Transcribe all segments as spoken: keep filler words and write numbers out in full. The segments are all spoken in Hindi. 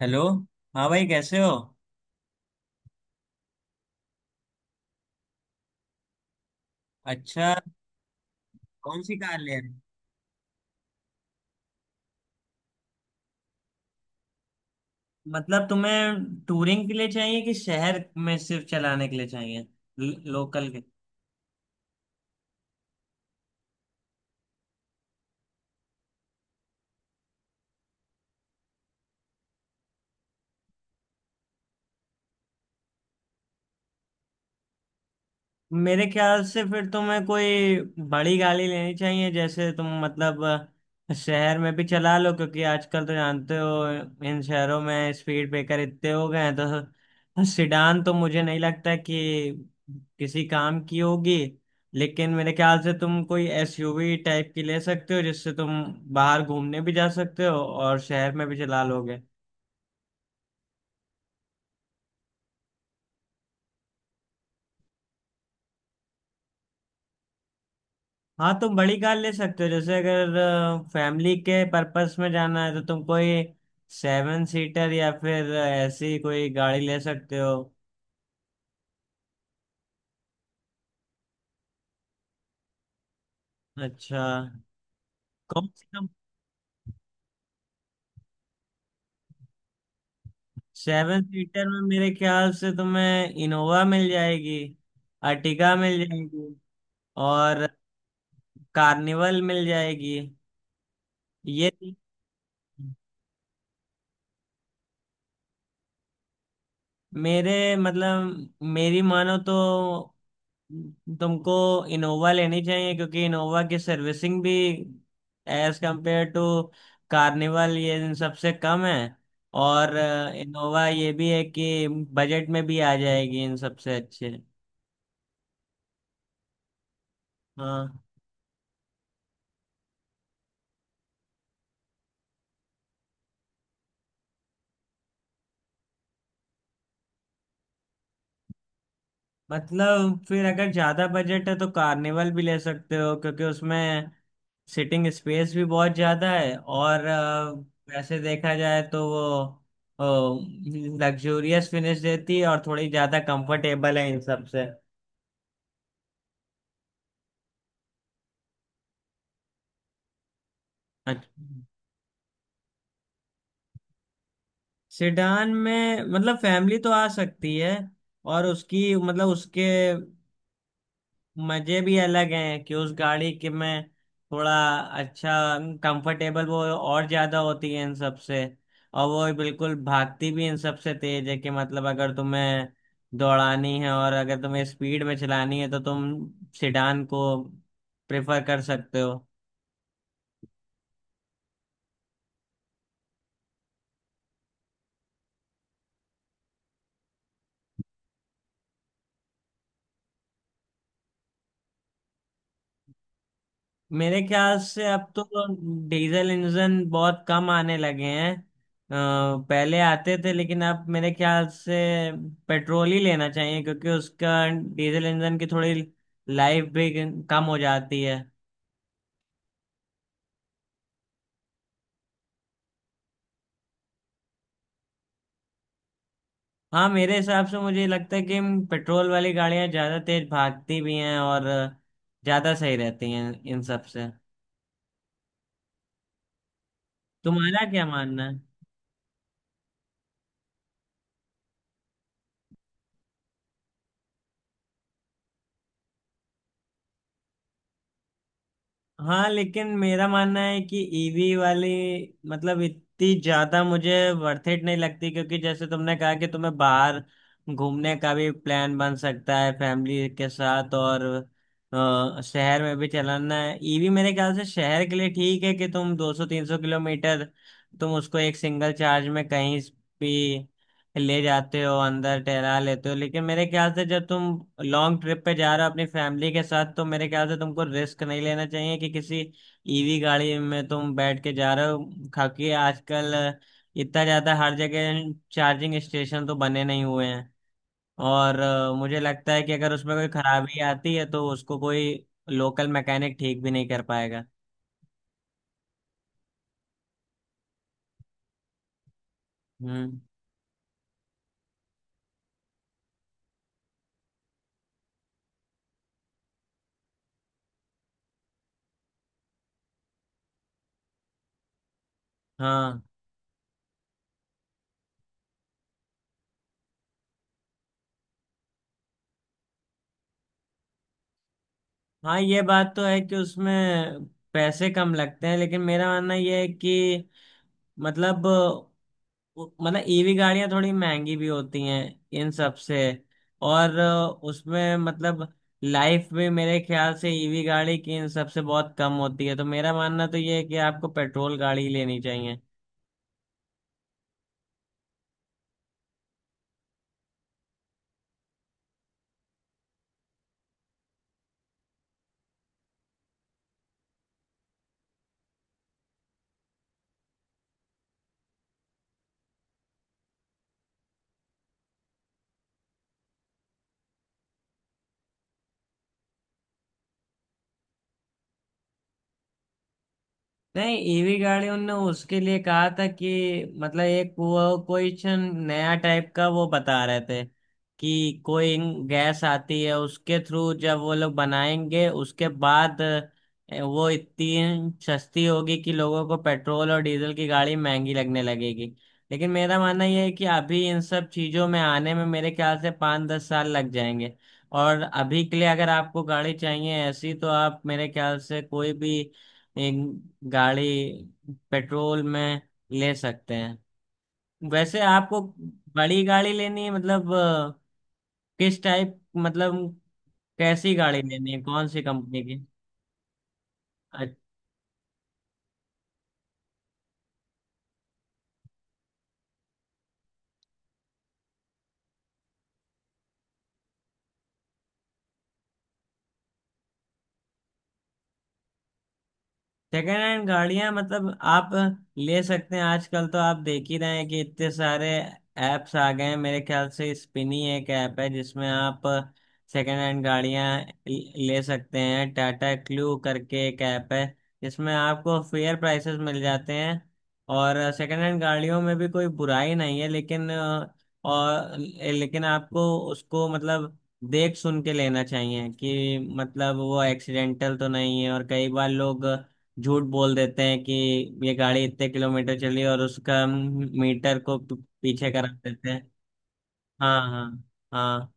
हेलो। हाँ भाई, कैसे हो? अच्छा, कौन सी कार ले रहे? मतलब तुम्हें टूरिंग के लिए चाहिए कि शहर में सिर्फ चलाने के लिए चाहिए, लोकल? मेरे ख्याल से फिर तुम्हें कोई बड़ी गाड़ी लेनी चाहिए। जैसे तुम मतलब अ, शहर में भी चला लो, क्योंकि आजकल तो जानते हो इन शहरों में स्पीड ब्रेकर इतने हो गए हैं, तो सिडान तो मुझे नहीं लगता कि किसी काम की होगी। लेकिन मेरे ख्याल से तुम कोई एसयूवी टाइप की ले सकते हो, जिससे तुम बाहर घूमने भी जा सकते हो और शहर में भी चला लोगे। हाँ, तुम बड़ी कार ले सकते हो। जैसे अगर फैमिली के पर्पस में जाना है तो तुम कोई सेवन सीटर या फिर ऐसी कोई गाड़ी ले सकते हो। अच्छा, कौन सी तुम? सेवन सीटर में मेरे ख्याल से तुम्हें इनोवा मिल जाएगी, अर्टिगा मिल जाएगी और कार्निवल मिल जाएगी। ये तीन। मेरे मतलब मेरी मानो तो तुमको इनोवा लेनी चाहिए, क्योंकि इनोवा की सर्विसिंग भी एज कंपेयर टू कार्निवल ये इन सबसे कम है। और इनोवा ये भी है कि बजट में भी आ जाएगी इन सबसे अच्छे। हाँ। मतलब फिर अगर ज्यादा बजट है तो कार्निवल भी ले सकते हो, क्योंकि उसमें सिटिंग स्पेस भी बहुत ज्यादा है और अ, वैसे देखा जाए तो वो लग्जूरियस फिनिश देती है और थोड़ी ज्यादा कंफर्टेबल है इन सब से। अच्छा। सेडान में मतलब फैमिली तो आ सकती है, और उसकी मतलब उसके मजे भी अलग हैं कि उस गाड़ी के में थोड़ा, अच्छा, कंफर्टेबल वो और ज्यादा होती है इन सबसे। और वो बिल्कुल भागती भी इन सबसे तेज है कि मतलब अगर तुम्हें दौड़ानी है और अगर तुम्हें स्पीड में चलानी है तो तुम सिडान को प्रेफर कर सकते हो। मेरे ख्याल से अब तो डीजल इंजन बहुत कम आने लगे हैं। अ, पहले आते थे लेकिन अब मेरे ख्याल से पेट्रोल ही लेना चाहिए, क्योंकि उसका डीजल इंजन की थोड़ी लाइफ भी कम हो जाती है। हाँ, मेरे हिसाब से मुझे लगता है कि पेट्रोल वाली गाड़ियां ज्यादा तेज भागती भी हैं और ज्यादा सही रहती हैं इन सब से। तुम्हारा क्या मानना है? हाँ, लेकिन मेरा मानना है कि ईवी वाली मतलब इतनी ज्यादा मुझे वर्थ इट नहीं लगती, क्योंकि जैसे तुमने कहा कि तुम्हें बाहर घूमने का भी प्लान बन सकता है फैमिली के साथ और अ, शहर में भी चलाना है। ईवी मेरे ख्याल से शहर के लिए ठीक है कि तुम दो सौ तीन सौ किलोमीटर तुम उसको एक सिंगल चार्ज में कहीं भी ले जाते हो, अंदर टहला लेते हो। लेकिन मेरे ख्याल से जब तुम लॉन्ग ट्रिप पे जा रहे हो अपनी फैमिली के साथ तो मेरे ख्याल से तुमको रिस्क नहीं लेना चाहिए कि किसी ईवी गाड़ी में तुम बैठ के जा रहे हो, खाकि आजकल इतना ज्यादा हर जगह चार्जिंग स्टेशन तो बने नहीं हुए हैं। और अ, मुझे लगता है कि अगर उसमें कोई खराबी आती है तो उसको कोई लोकल मैकेनिक ठीक भी नहीं कर पाएगा। हम्म। हाँ हाँ, ये बात तो है कि उसमें पैसे कम लगते हैं, लेकिन मेरा मानना यह है कि मतलब अ, उ- मतलब ईवी गाड़ियां थोड़ी महंगी भी होती हैं इन सब से। और अ, उसमें मतलब लाइफ भी मेरे ख्याल से ईवी गाड़ी की इन सब से बहुत कम होती है, तो मेरा मानना तो ये है कि आपको पेट्रोल गाड़ी ही लेनी चाहिए। नहीं, ईवी गाड़ियों ने उसके लिए कहा था कि मतलब एक वो क्वेश्चन नया टाइप का वो बता रहे थे कि कोई गैस आती है उसके थ्रू, जब वो लोग बनाएंगे उसके बाद अ, वो इतनी सस्ती होगी कि लोगों को पेट्रोल और डीजल की गाड़ी महंगी लगने लगेगी। लेकिन मेरा मानना यह है कि अभी इन सब चीज़ों में आने में मेरे ख्याल से पाँच दस साल लग जाएंगे। और अभी के लिए अगर आपको गाड़ी चाहिए ऐसी तो आप मेरे ख्याल से कोई भी एक गाड़ी पेट्रोल में ले सकते हैं। वैसे आपको बड़ी गाड़ी लेनी है मतलब अ, किस टाइप, मतलब कैसी गाड़ी लेनी है, कौन सी कंपनी की? सेकेंड हैंड गाड़ियां मतलब आप ले सकते हैं। आजकल तो आप देख ही रहे हैं कि इतने सारे ऐप्स आ गए हैं। मेरे ख्याल से स्पिनी एक ऐप है जिसमें आप सेकेंड हैंड गाड़ियां ले सकते हैं। टाटा क्लू करके एक ऐप है जिसमें आपको फेयर प्राइसेस मिल जाते हैं। और सेकेंड हैंड गाड़ियों में भी कोई बुराई नहीं है, लेकिन अ, और लेकिन आपको उसको मतलब देख सुन के लेना चाहिए कि मतलब वो एक्सीडेंटल तो नहीं है। और कई बार लोग झूठ बोल देते हैं कि ये गाड़ी इतने किलोमीटर चली, और उसका मीटर को पी- पीछे करा देते हैं। हाँ हाँ। हाँ।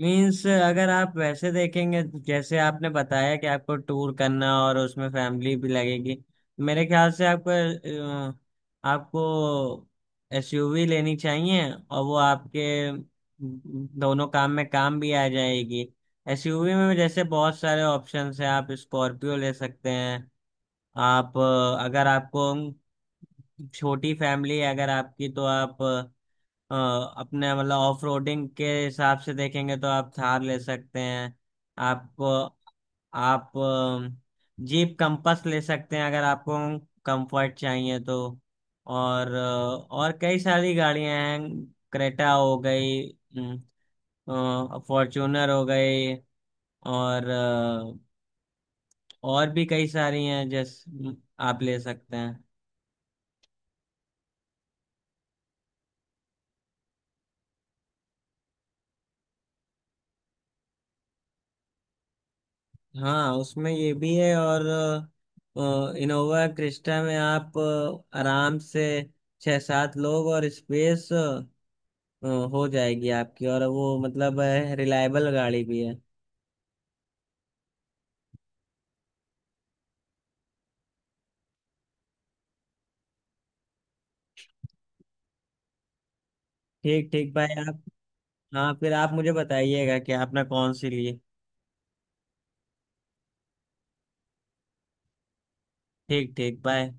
मीन्स अगर आप वैसे देखेंगे, जैसे आपने बताया कि आपको टूर करना और उसमें फैमिली भी लगेगी, मेरे ख्याल से आपको अ, आपको एसयूवी लेनी चाहिए, और वो आपके दोनों काम में काम भी आ जाएगी। एसयूवी में जैसे बहुत सारे ऑप्शंस हैं, आप स्कॉर्पियो ले सकते हैं। आप अ, अगर आपको छोटी फैमिली है अगर आपकी तो आप अ, अपने मतलब ऑफ रोडिंग के हिसाब से देखेंगे तो आप थार ले सकते हैं। आपको आप जीप कंपास ले सकते हैं अगर आपको कंफर्ट चाहिए तो। और अ, और कई सारी गाड़ियां हैं, क्रेटा हो गई, फॉर्चूनर हो गई, और अ, और भी कई सारी हैं जैसे आप ले सकते हैं। हाँ, उसमें ये भी है। और अ, इनोवा क्रिस्टा में आप अ, आराम से छः सात लोग और स्पेस हो जाएगी आपकी, और वो मतलब रिलायबल गाड़ी भी है। ठीक ठीक, बाय आप। हाँ, फिर आप मुझे बताइएगा कि आपने कौन सी ली। ठीक ठीक, बाय।